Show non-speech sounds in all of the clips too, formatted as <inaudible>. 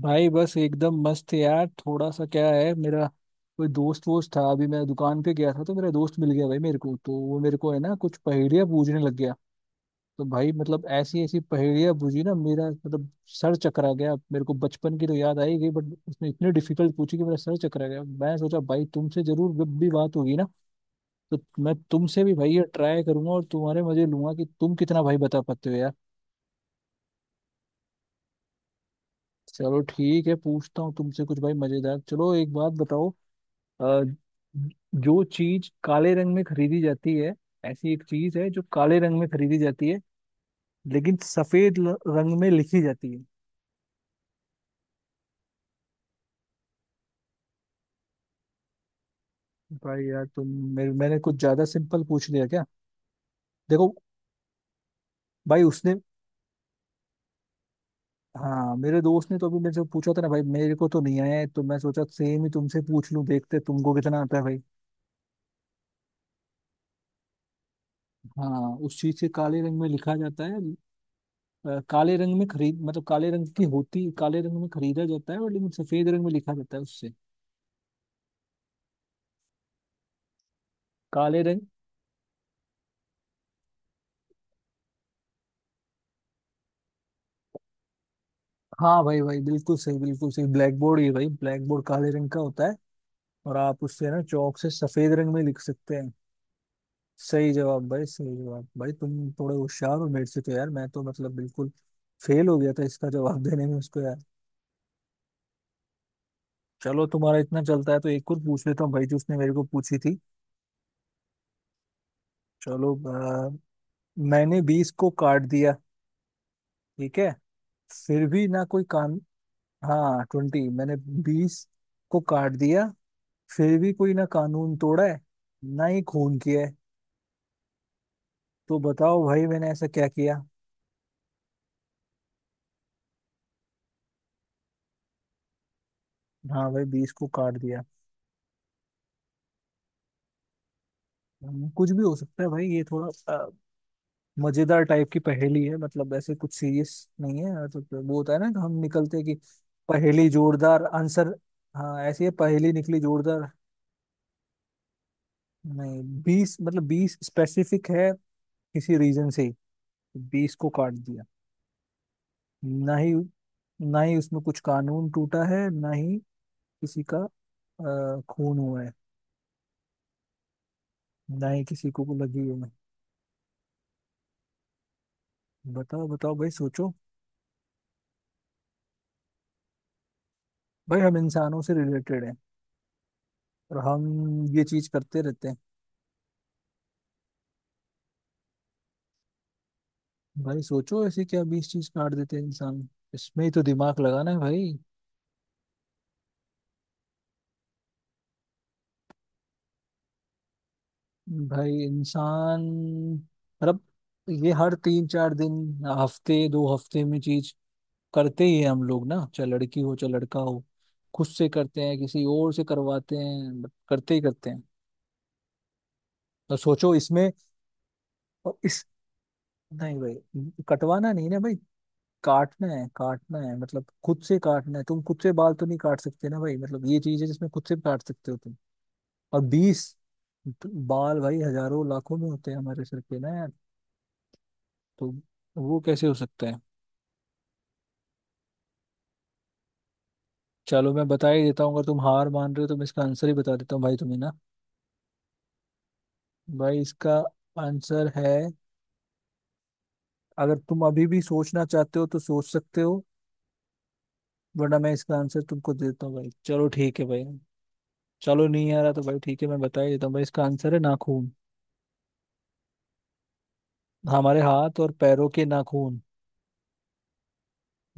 भाई, बस एकदम मस्त है यार। थोड़ा सा क्या है, मेरा कोई दोस्त वोस्त था। अभी मैं दुकान पे गया था तो मेरा दोस्त मिल गया भाई। मेरे को तो वो मेरे को है ना कुछ पहेलियां पूछने लग गया। तो भाई मतलब ऐसी ऐसी पहेलियां पूछी ना मेरा मतलब सर चकरा गया मेरे को। बचपन की तो याद आई गई बट उसने इतनी डिफिकल्ट पूछी कि मेरा सर चकरा गया। मैं सोचा, भाई तुमसे जरूर जब भी बात होगी ना तो मैं तुमसे भी भाई ये ट्राई करूंगा और तुम्हारे मजे लूंगा कि तुम कितना भाई बता पाते हो यार। चलो ठीक है, पूछता हूँ तुमसे कुछ भाई मजेदार। चलो, एक बात बताओ। अ, जो चीज काले रंग में खरीदी जाती है, ऐसी एक चीज है जो काले रंग में खरीदी जाती है, लेकिन सफेद रंग में लिखी जाती है। भाई यार तुम। मैंने कुछ ज्यादा सिंपल पूछ लिया क्या? देखो, भाई उसने। हाँ, मेरे दोस्त ने तो अभी मेरे से पूछा था ना भाई। मेरे को तो नहीं आया है तो मैं सोचा सेम ही तुमसे पूछ लूं, देखते तुमको कितना आता है भाई। हाँ, उस चीज से काले रंग में लिखा जाता है। काले रंग में खरीद मतलब काले रंग की होती, काले रंग में खरीदा जाता है, और लेकिन सफेद रंग में लिखा जाता है उससे। काले रंग। हाँ भाई भाई, बिल्कुल सही बिल्कुल सही, ब्लैक बोर्ड। ये भाई, ब्लैक बोर्ड काले रंग का होता है और आप उससे ना, चौक से, सफेद रंग में लिख सकते हैं। सही जवाब भाई, सही जवाब भाई। तुम थोड़े होशियार हो मेरे से, तो यार मैं तो मतलब बिल्कुल फेल हो गया था इसका जवाब देने में उसको यार। चलो, तुम्हारा इतना चलता है तो एक और पूछ लेता हूँ भाई जो उसने मेरे को पूछी थी। चलो। अ, मैंने 20 को काट दिया, ठीक है, फिर भी ना कोई कान। हाँ 20, मैंने 20 को काट दिया, फिर भी कोई ना कानून तोड़ा है, ना ही खून किया है। तो बताओ भाई, मैंने ऐसा क्या किया? हाँ भाई, 20 को काट दिया। कुछ भी हो सकता है भाई, ये थोड़ा अ, मजेदार टाइप की पहेली है। मतलब ऐसे कुछ सीरियस नहीं है। तो वो होता है ना कि हम निकलते हैं कि पहेली जोरदार आंसर। हाँ, ऐसी है पहेली निकली जोरदार। नहीं, 20 मतलब 20 स्पेसिफिक है किसी रीजन से ही। 20 को काट दिया। ना ही ना ही उसमें कुछ कानून टूटा है, ना ही किसी का खून हुआ है, ना ही किसी को लगी है। बताओ बताओ भाई, सोचो। भाई हम इंसानों से रिलेटेड हैं और हम ये चीज करते रहते हैं। भाई सोचो, ऐसे क्या 20 चीज काट देते हैं इंसान? इसमें ही तो दिमाग लगाना है भाई। भाई इंसान मतलब ये हर तीन चार दिन, हफ्ते दो हफ्ते में चीज करते ही है हम लोग ना। चाहे लड़की हो चाहे लड़का हो, खुद से करते हैं, किसी और से करवाते हैं, but करते ही करते हैं। तो सोचो इसमें। और इस। नहीं भाई, कटवाना नहीं ना भाई, काटना है, काटना है। मतलब खुद से काटना है, तुम खुद से बाल तो नहीं काट सकते ना भाई। मतलब ये चीज है जिसमें खुद से भी काट सकते हो तुम। और 20। तो बाल भाई हजारों लाखों में होते हैं हमारे सर पे ना यार। तो वो कैसे हो सकता है? चलो मैं बता ही देता हूँ, अगर तुम हार मान रहे हो तो मैं इसका आंसर ही बता देता हूँ भाई तुम्हें ना। भाई इसका आंसर है। अगर तुम अभी भी सोचना चाहते हो तो सोच सकते हो, वरना मैं इसका आंसर तुमको दे देता हूँ भाई। चलो ठीक है भाई। चलो, नहीं आ रहा तो भाई ठीक है, मैं बता ही देता हूँ भाई। इसका आंसर है नाखून। हमारे हाथ और पैरों के नाखून।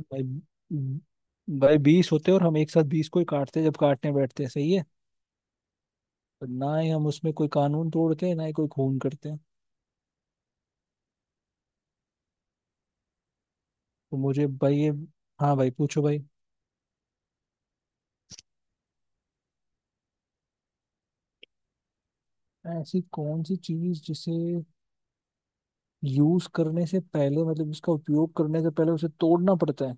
भाई भाई 20 होते हैं और हम एक साथ 20 को ही काटते हैं जब काटने बैठते हैं। सही है। पर ना ही हम उसमें कोई कानून तोड़ते हैं, ना ही कोई खून करते हैं। तो मुझे भाई ये। हाँ भाई, पूछो भाई। ऐसी कौन सी चीज जिसे यूज करने से पहले, मतलब इसका उपयोग करने से पहले, उसे तोड़ना पड़ता है?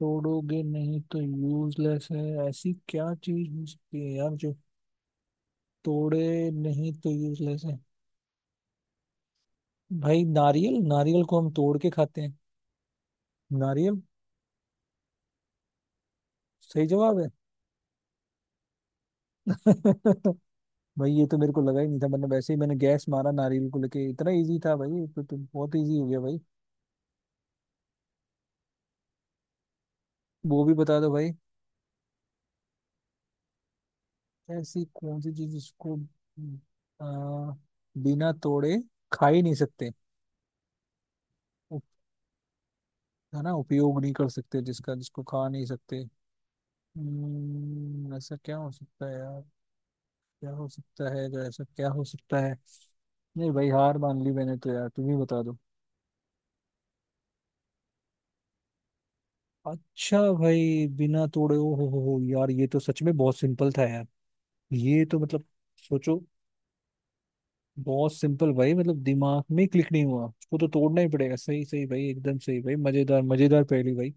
तोड़ोगे नहीं तो यूजलेस है, ऐसी क्या चीज हो सकती है यार जो तोड़े नहीं तो यूजलेस है? भाई नारियल, नारियल को हम तोड़ के खाते हैं। नारियल सही जवाब है। <laughs> भाई ये तो मेरे को लगा ही नहीं था मतलब, वैसे ही मैंने गैस मारा नारियल को लेके। इतना इजी था भाई, ये तो बहुत इजी हो गया भाई। वो भी बता दो भाई। ऐसी कौन सी चीज जिसको आ, बिना तोड़े खा ही नहीं सकते? उप- है ना, उपयोग नहीं कर सकते जिसका, जिसको खा नहीं सकते। ऐसा क्या हो सकता है यार? क्या हो सकता है जो? ऐसा क्या हो सकता है? नहीं भाई, हार मान ली मैंने तो यार, तुम ही बता दो। अच्छा भाई, बिना तोड़े। ओ हो यार, ये तो सच में बहुत सिंपल था यार। ये तो मतलब। सोचो, बहुत सिंपल भाई, मतलब दिमाग में क्लिक नहीं हुआ, उसको तो तोड़ना ही पड़ेगा। सही सही भाई, एकदम सही भाई। मजेदार मजेदार पहेली भाई।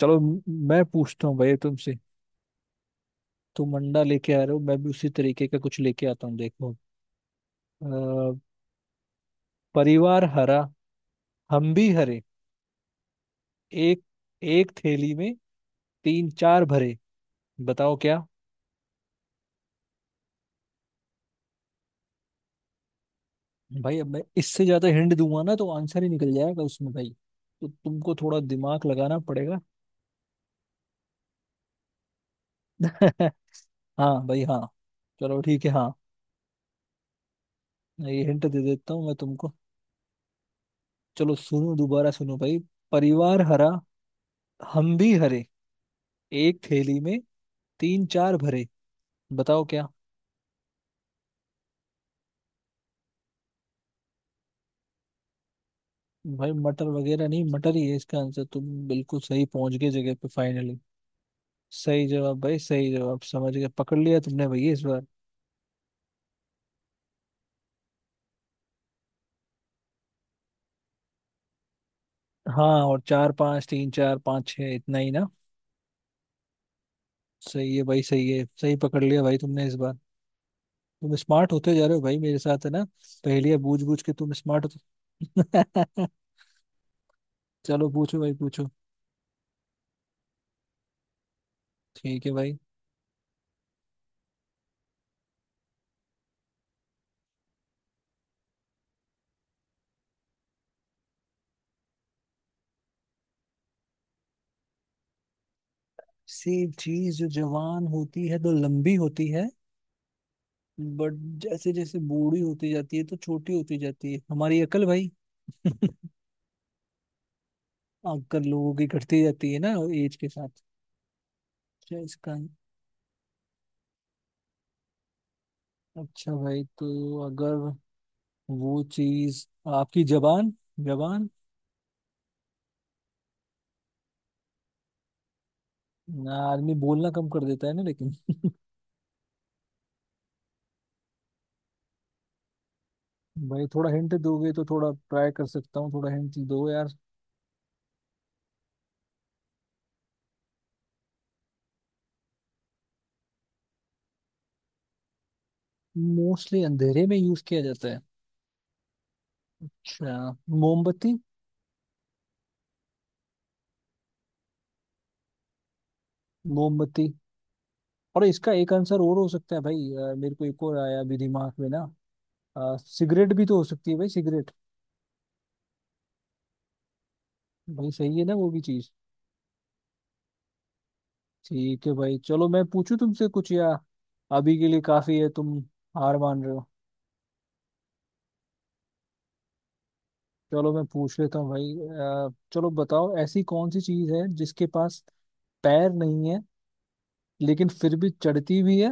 चलो मैं पूछता हूँ भाई तुमसे। तुम अंडा लेके आ रहे हो, मैं भी उसी तरीके का कुछ लेके आता हूँ, देखो। अ, परिवार हरा, हम भी हरे, एक एक थैली में तीन चार भरे, बताओ क्या? भाई अब मैं इससे ज्यादा हिंट दूंगा ना तो आंसर ही निकल जाएगा उसमें भाई। तो तुमको थोड़ा दिमाग लगाना पड़ेगा। <laughs> हाँ भाई हाँ। चलो ठीक है हाँ। मैं ये हिंट दे देता हूँ मैं तुमको। चलो सुनो, दोबारा सुनो भाई। परिवार हरा, हम भी हरे, एक थैली में तीन चार भरे, बताओ क्या? भाई मटर वगैरह नहीं, मटर ही है इसका आंसर। तुम बिल्कुल सही पहुंच गए जगह पे फाइनली। सही जवाब भाई, सही जवाब। समझ गए, पकड़ लिया तुमने भैया इस बार। हाँ, और चार पाँच, तीन चार पाँच छः, इतना ही ना। सही है भाई सही है, सही पकड़ लिया भाई तुमने इस बार। तुम स्मार्ट होते जा रहे हो भाई मेरे साथ, है ना? पहेलियां बूझ बूझ के तुम स्मार्ट हो। <laughs> चलो पूछो भाई पूछो। ठीक है भाई। सेब चीज जो जवान होती है तो लंबी होती है, बट जैसे जैसे बूढ़ी होती जाती है तो छोटी होती जाती है हमारी अकल भाई। <laughs> अक्कल लोगों की घटती जाती है ना, एज के साथ। क्या इसका। अच्छा भाई, तो अगर वो चीज आपकी जबान, जबान। आदमी बोलना कम कर देता है ना लेकिन। <laughs> भाई थोड़ा हिंट दोगे तो थोड़ा ट्राई कर सकता हूँ, थोड़ा हिंट दो यार। मोस्टली अंधेरे में यूज किया जाता है? अच्छा, मोमबत्ती। मोमबत्ती। और इसका एक आंसर और हो सकता है भाई, मेरे को एक और आया अभी दिमाग में ना। सिगरेट भी तो हो सकती है भाई, सिगरेट। भाई सही है ना, वो भी चीज। ठीक है भाई, चलो मैं पूछूं तुमसे कुछ, या अभी के लिए काफी है? तुम हार मान रहे हो? चलो मैं पूछ लेता हूँ भाई। चलो बताओ, ऐसी कौन सी चीज है जिसके पास पैर नहीं है, लेकिन फिर भी चढ़ती भी है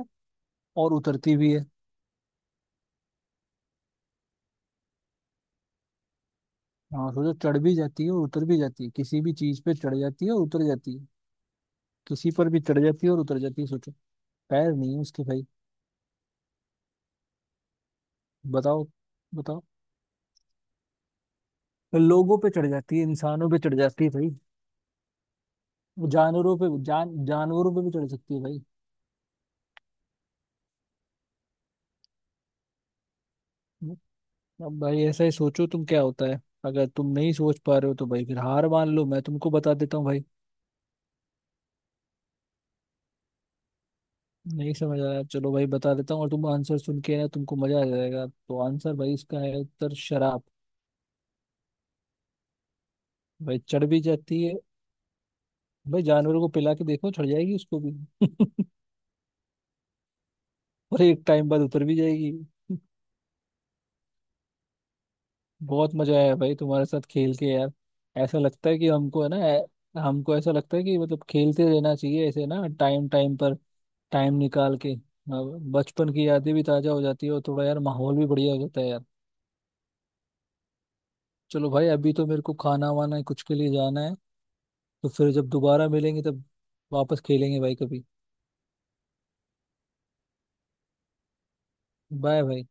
और उतरती भी है? हाँ सोचो, चढ़ भी जाती है और उतर भी जाती है, किसी भी चीज पे चढ़ जाती है और उतर जाती है। किसी पर भी चढ़ जाती है और उतर जाती है, सोचो। पैर नहीं है उसके भाई। बताओ, बताओ। लोगों पे चढ़ जाती है, इंसानों पे चढ़ जाती है भाई। वो जानवरों पे जान जानवरों पे भी चढ़ सकती है भाई। अब भाई ऐसा ही सोचो तुम, क्या होता है? अगर तुम नहीं सोच पा रहे हो तो भाई फिर हार मान लो, मैं तुमको बता देता हूँ भाई। नहीं समझ आ रहा, चलो भाई बता देता हूँ और तुम आंसर सुन के ना, तुमको मजा आ जाएगा। तो आंसर भाई इसका है, उत्तर शराब। भाई चढ़ भी जाती है, भाई जानवरों को पिला के देखो, चढ़ जाएगी उसको भी। <laughs> और एक टाइम बाद उतर भी जाएगी। बहुत मजा आया भाई तुम्हारे साथ खेल के यार। ऐसा लगता है कि हमको है ना हमको ऐसा लगता है कि मतलब खेलते रहना चाहिए ऐसे ना, टाइम टाइम पर, टाइम निकाल के। अब बचपन की यादें भी ताजा हो जाती है और थोड़ा यार माहौल भी बढ़िया हो जाता है यार। चलो भाई, अभी तो मेरे को खाना वाना कुछ के लिए जाना है। तो फिर जब दोबारा मिलेंगे तब वापस खेलेंगे भाई कभी। बाय भाई।